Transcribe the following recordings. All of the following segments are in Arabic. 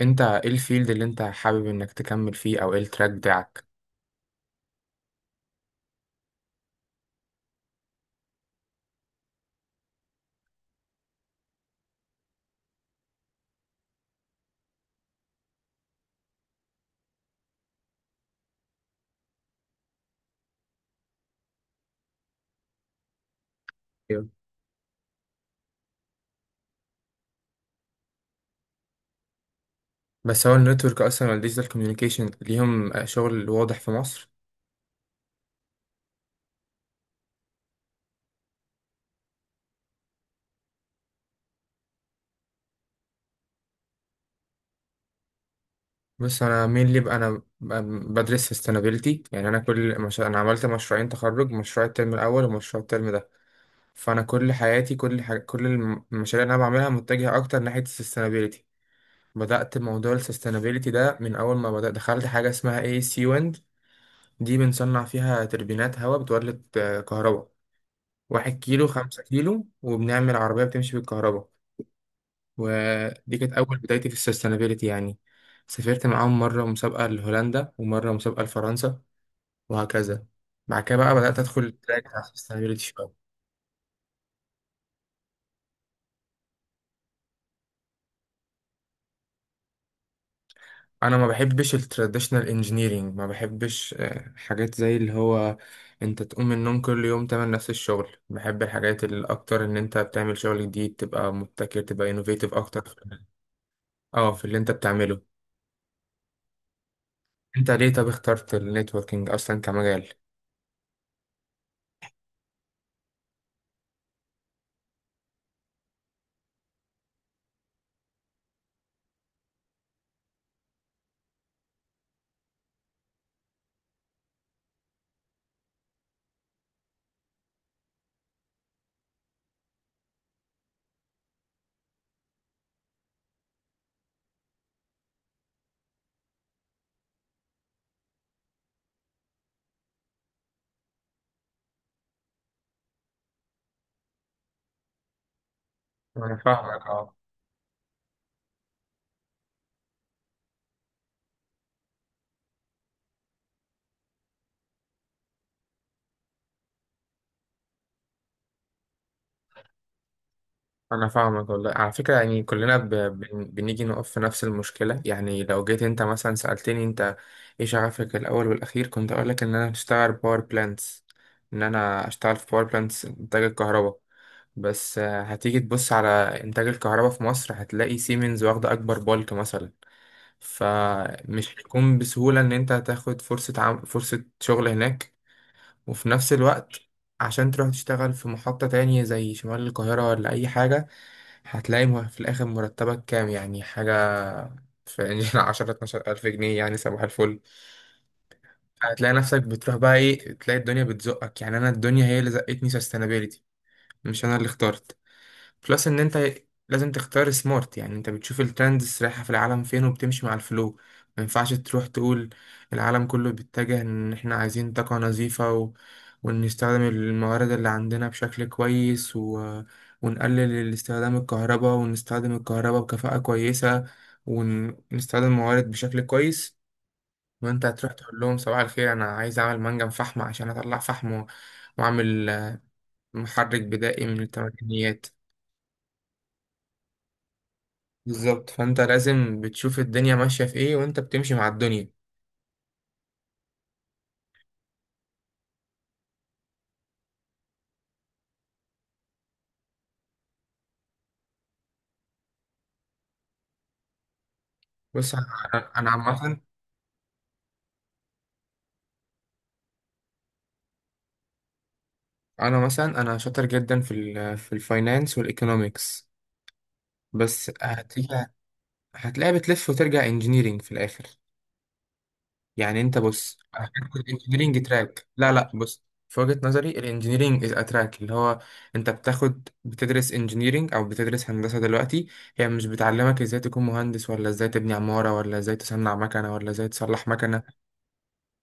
انت ايه الفيلد اللي انت حابب انك تكمل فيه او ايه التراك بتاعك؟ أيوة. بس هو النتورك اصلا والديجيتال كوميونيكيشن ليهم شغل واضح في مصر؟ بس انا مين اللي بقى انا؟ بدرس سستينابيلتي، يعني انا كل مش... انا عملت مشروعين تخرج، مشروع الترم الاول ومشروع الترم ده. فانا كل حياتي المشاريع اللي انا بعملها متجهه اكتر ناحيه السستينابيلتي. بدات موضوع السستينابيلتي ده من اول ما بدات دخلت حاجه اسمها اي سي ويند. دي بنصنع فيها توربينات هواء بتولد كهرباء، 1 كيلو 5 كيلو، وبنعمل عربية بتمشي بالكهرباء. ودي كانت أول بدايتي في السستينابيلتي يعني. سافرت معاهم مرة مسابقة لهولندا ومرة مسابقة لفرنسا وهكذا. بعد كده بقى بدأت أدخل التراك بتاع السستينابيلتي شوية. أنا ما بحبش التراديشنال انجينيرينج، ما بحبش حاجات زي اللي هو أنت تقوم من النوم كل يوم تعمل نفس الشغل، بحب الحاجات اللي أكتر إن أنت بتعمل شغل جديد، تبقى مبتكر، تبقى انوفيتيف أكتر في. اه، في اللي انت بتعمله. انت ليه طب اخترت النتوركينج اصلا كمجال؟ انا فاهمك اه. انا فاهمك والله، على فكره يعني كلنا بنيجي نقف في نفس المشكله. يعني لو جيت انت مثلا سالتني انت ايه شغفك الاول والاخير، كنت اقول لك ان انا اشتغل باور بلانتس، ان انا اشتغل في باور بلانتس انتاج الكهرباء. بس هتيجي تبص على انتاج الكهرباء في مصر، هتلاقي سيمنز واخده اكبر بالك مثلا. فمش هيكون بسهوله ان انت هتاخد فرصه شغل هناك. وفي نفس الوقت عشان تروح تشتغل في محطة تانية زي شمال القاهرة ولا أي حاجة، هتلاقي في الآخر مرتبك كام يعني حاجة. في إنجيل 10 12,000 جنيه، يعني صباح الفل. هتلاقي نفسك بتروح بقى إيه، تلاقي الدنيا بتزقك، يعني أنا الدنيا هي اللي زقتني sustainability، مش أنا اللي اخترت. بلس ان انت لازم تختار سمارت، يعني انت بتشوف الترندز رايحة في العالم فين وبتمشي مع الفلو. ما ينفعش تروح تقول العالم كله بيتجه ان احنا عايزين طاقة نظيفة، و... وان نستخدم الموارد اللي عندنا بشكل كويس، و... ونقلل استخدام الكهرباء ونستخدم الكهرباء بكفاءة كويسة، ونستخدم الموارد بشكل كويس، وانت هتروح تقول لهم صباح الخير انا عايز اعمل منجم فحم عشان اطلع فحم واعمل محرك بدائي من التمكنيات. بالظبط، فانت لازم بتشوف الدنيا ماشيه في ايه وانت بتمشي مع الدنيا. بص انا. أنا عامه، انا شاطر جدا في الفاينانس والايكونومكس. بس هتيجي، هتلاقي بتلف وترجع انجينيرينج في الاخر. يعني انت بص، الانجينيرينج تراك، لا لا، بص، في وجهه نظري الانجينيرينج از اتراك اللي هو انت بتدرس انجينيرينج او بتدرس هندسه دلوقتي، هي مش بتعلمك ازاي تكون مهندس، ولا ازاي تبني عماره، ولا ازاي تصنع مكنه، ولا ازاي تصلح مكنه.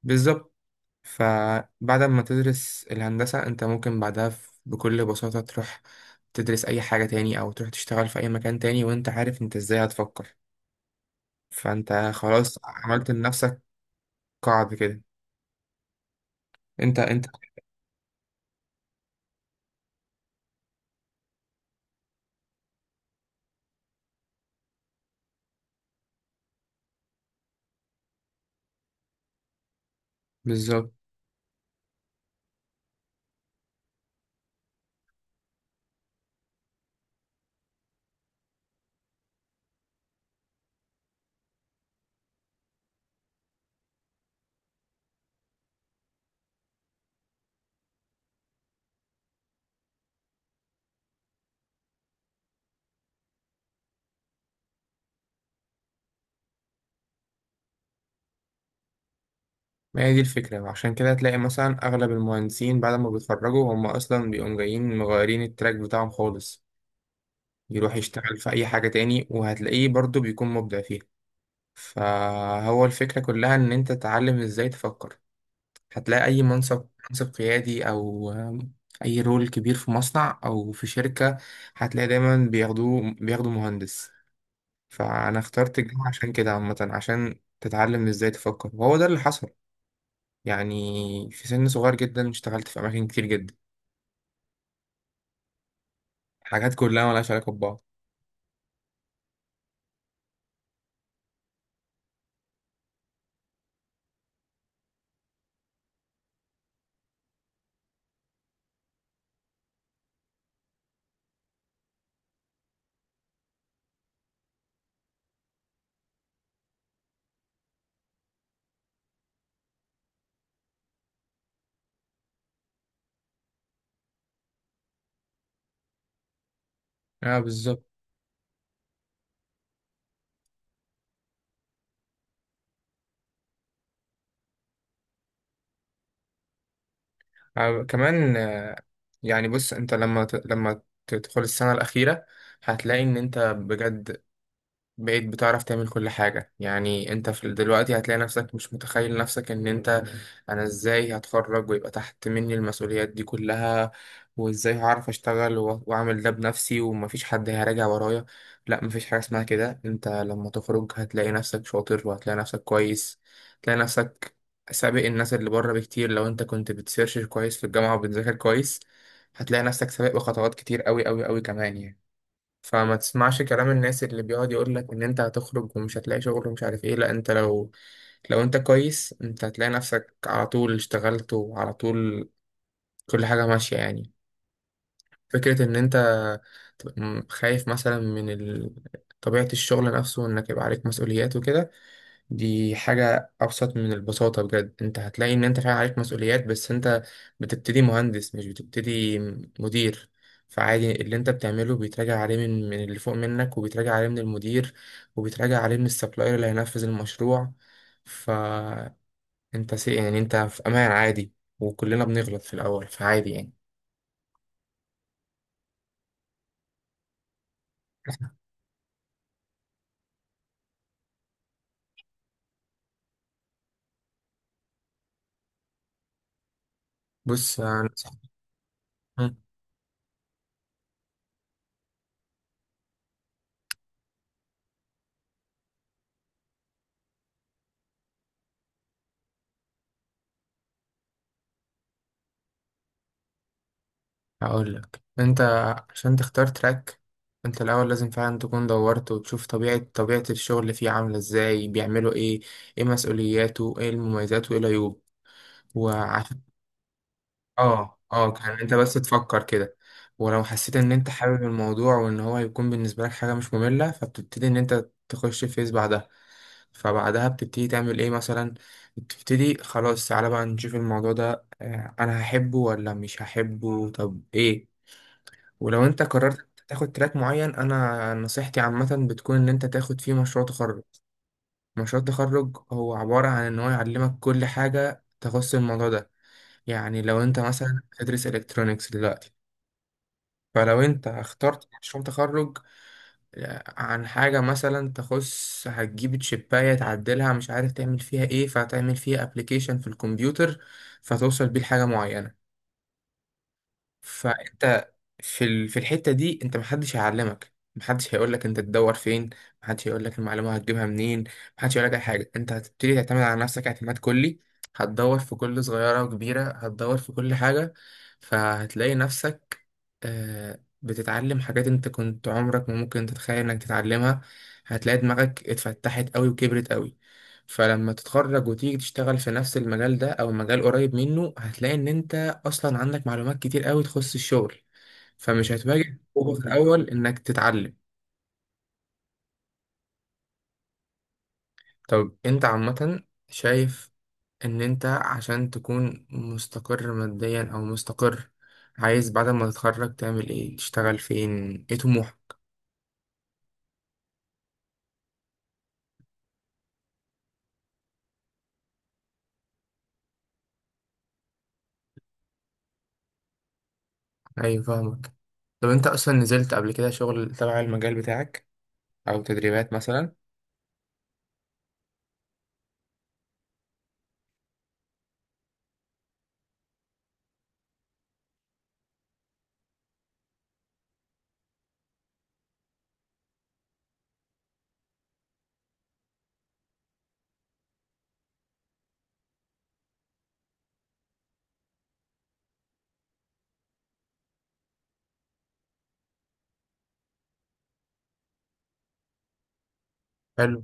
بالظبط. فبعد ما تدرس الهندسة انت ممكن بعدها بكل بساطة تروح تدرس أي حاجة تاني، أو تروح تشتغل في أي مكان تاني، وانت عارف انت ازاي هتفكر. فانت خلاص عملت لنفسك قاعدة كده، انت. بالظبط، ما هي دي الفكرة، عشان كده تلاقي مثلا أغلب المهندسين بعد ما بيتخرجوا هم أصلا بيقوم جايين مغيرين التراك بتاعهم خالص، يروح يشتغل في أي حاجة تاني وهتلاقيه برضو بيكون مبدع فيها. فهو الفكرة كلها إن أنت تتعلم إزاي تفكر. هتلاقي أي منصب، منصب قيادي، أو أي رول كبير في مصنع أو في شركة، هتلاقي دايما بياخدوا مهندس. فأنا اخترت الجامعة عشان كده عامة، عشان تتعلم إزاي تفكر، وهو ده اللي حصل. يعني في سن صغير جدا اشتغلت في أماكن كتير جدا، حاجات كلها ملهاش علاقة ببعض. اه، بالظبط. آه كمان. يعني بص انت لما تدخل السنة الأخيرة هتلاقي إن أنت بجد بقيت بتعرف تعمل كل حاجة. يعني انت في دلوقتي هتلاقي نفسك مش متخيل نفسك ان انت، انا ازاي هتخرج ويبقى تحت مني المسؤوليات دي كلها، وازاي هعرف اشتغل واعمل ده بنفسي ومفيش حد هيراجع ورايا. لا، مفيش حاجة اسمها كده، انت لما تخرج هتلاقي نفسك شاطر وهتلاقي نفسك كويس. هتلاقي نفسك سابق الناس اللي بره بكتير. لو انت كنت بتسيرش كويس في الجامعة وبتذاكر كويس هتلاقي نفسك سابق بخطوات كتير قوي قوي قوي كمان يعني. فما تسمعش كلام الناس اللي بيقعد يقول لك ان انت هتخرج ومش هتلاقي شغل ومش عارف ايه، لا، انت لو، لو انت كويس انت هتلاقي نفسك على طول اشتغلت، وعلى طول كل حاجة ماشية يعني. فكرة إن أنت تبقى خايف مثلا طبيعة الشغل نفسه وإنك يبقى عليك مسؤوليات وكده، دي حاجة أبسط من البساطة بجد. أنت هتلاقي إن أنت فعلا عليك مسؤوليات، بس أنت بتبتدي مهندس، مش بتبتدي مدير. فعادي اللي أنت بتعمله بيتراجع عليه من اللي فوق منك، وبيتراجع عليه من المدير، وبيتراجع عليه من السبلاير اللي هينفذ المشروع. فأنت سي يعني أنت في أمان عادي، وكلنا بنغلط في الأول، فعادي يعني. بص أنا هقول لك، انت عشان تختار تراك انت الاول لازم فعلا تكون دورت وتشوف طبيعة الشغل اللي فيه عاملة ازاي، بيعملوا ايه، ايه مسؤولياته، ايه المميزات وايه العيوب. وعشان اه اه، كان انت بس تفكر كده، ولو حسيت ان انت حابب الموضوع وان هو هيكون بالنسبة لك حاجة مش مملة فبتبتدي ان انت تخش فيس بعدها. فبعدها بتبتدي تعمل ايه مثلا؟ بتبتدي خلاص تعالى بقى نشوف الموضوع ده، انا هحبه ولا مش هحبه طب ايه. ولو انت قررت تاخد تراك معين انا نصيحتي عامة بتكون ان انت تاخد فيه مشروع تخرج. مشروع التخرج هو عبارة عن ان هو يعلمك كل حاجة تخص الموضوع ده. يعني لو انت مثلا بتدرس الكترونيكس دلوقتي، فلو انت اخترت مشروع تخرج عن حاجة مثلا تخص، هتجيب تشيباية تعدلها مش عارف تعمل فيها ايه، فهتعمل فيها ابلكيشن في الكمبيوتر فتوصل بيه لحاجة معينة. فانت في الحتة دي انت، محدش هيعلمك، محدش هيقولك انت تدور فين، محدش هيقولك المعلومة هتجيبها منين، محدش هيقولك اي حاجة، انت هتبتدي تعتمد على نفسك اعتماد كلي، هتدور في كل صغيرة وكبيرة، هتدور في كل حاجة. فهتلاقي نفسك بتتعلم حاجات انت كنت عمرك ما ممكن تتخيل انك تتعلمها. هتلاقي دماغك اتفتحت قوي وكبرت قوي. فلما تتخرج وتيجي تشتغل في نفس المجال ده او مجال قريب منه هتلاقي ان انت اصلا عندك معلومات كتير قوي تخص الشغل، فمش هتواجه صعوبة في الأول إنك تتعلم. طب أنت عامة، شايف إن أنت عشان تكون مستقر ماديا أو مستقر، عايز بعد ما تتخرج تعمل إيه، تشتغل فين، إيه طموحك؟ أيوة فاهمك. طب أنت أصلا نزلت قبل كده شغل تبع المجال بتاعك، أو تدريبات مثلا؟ حلو.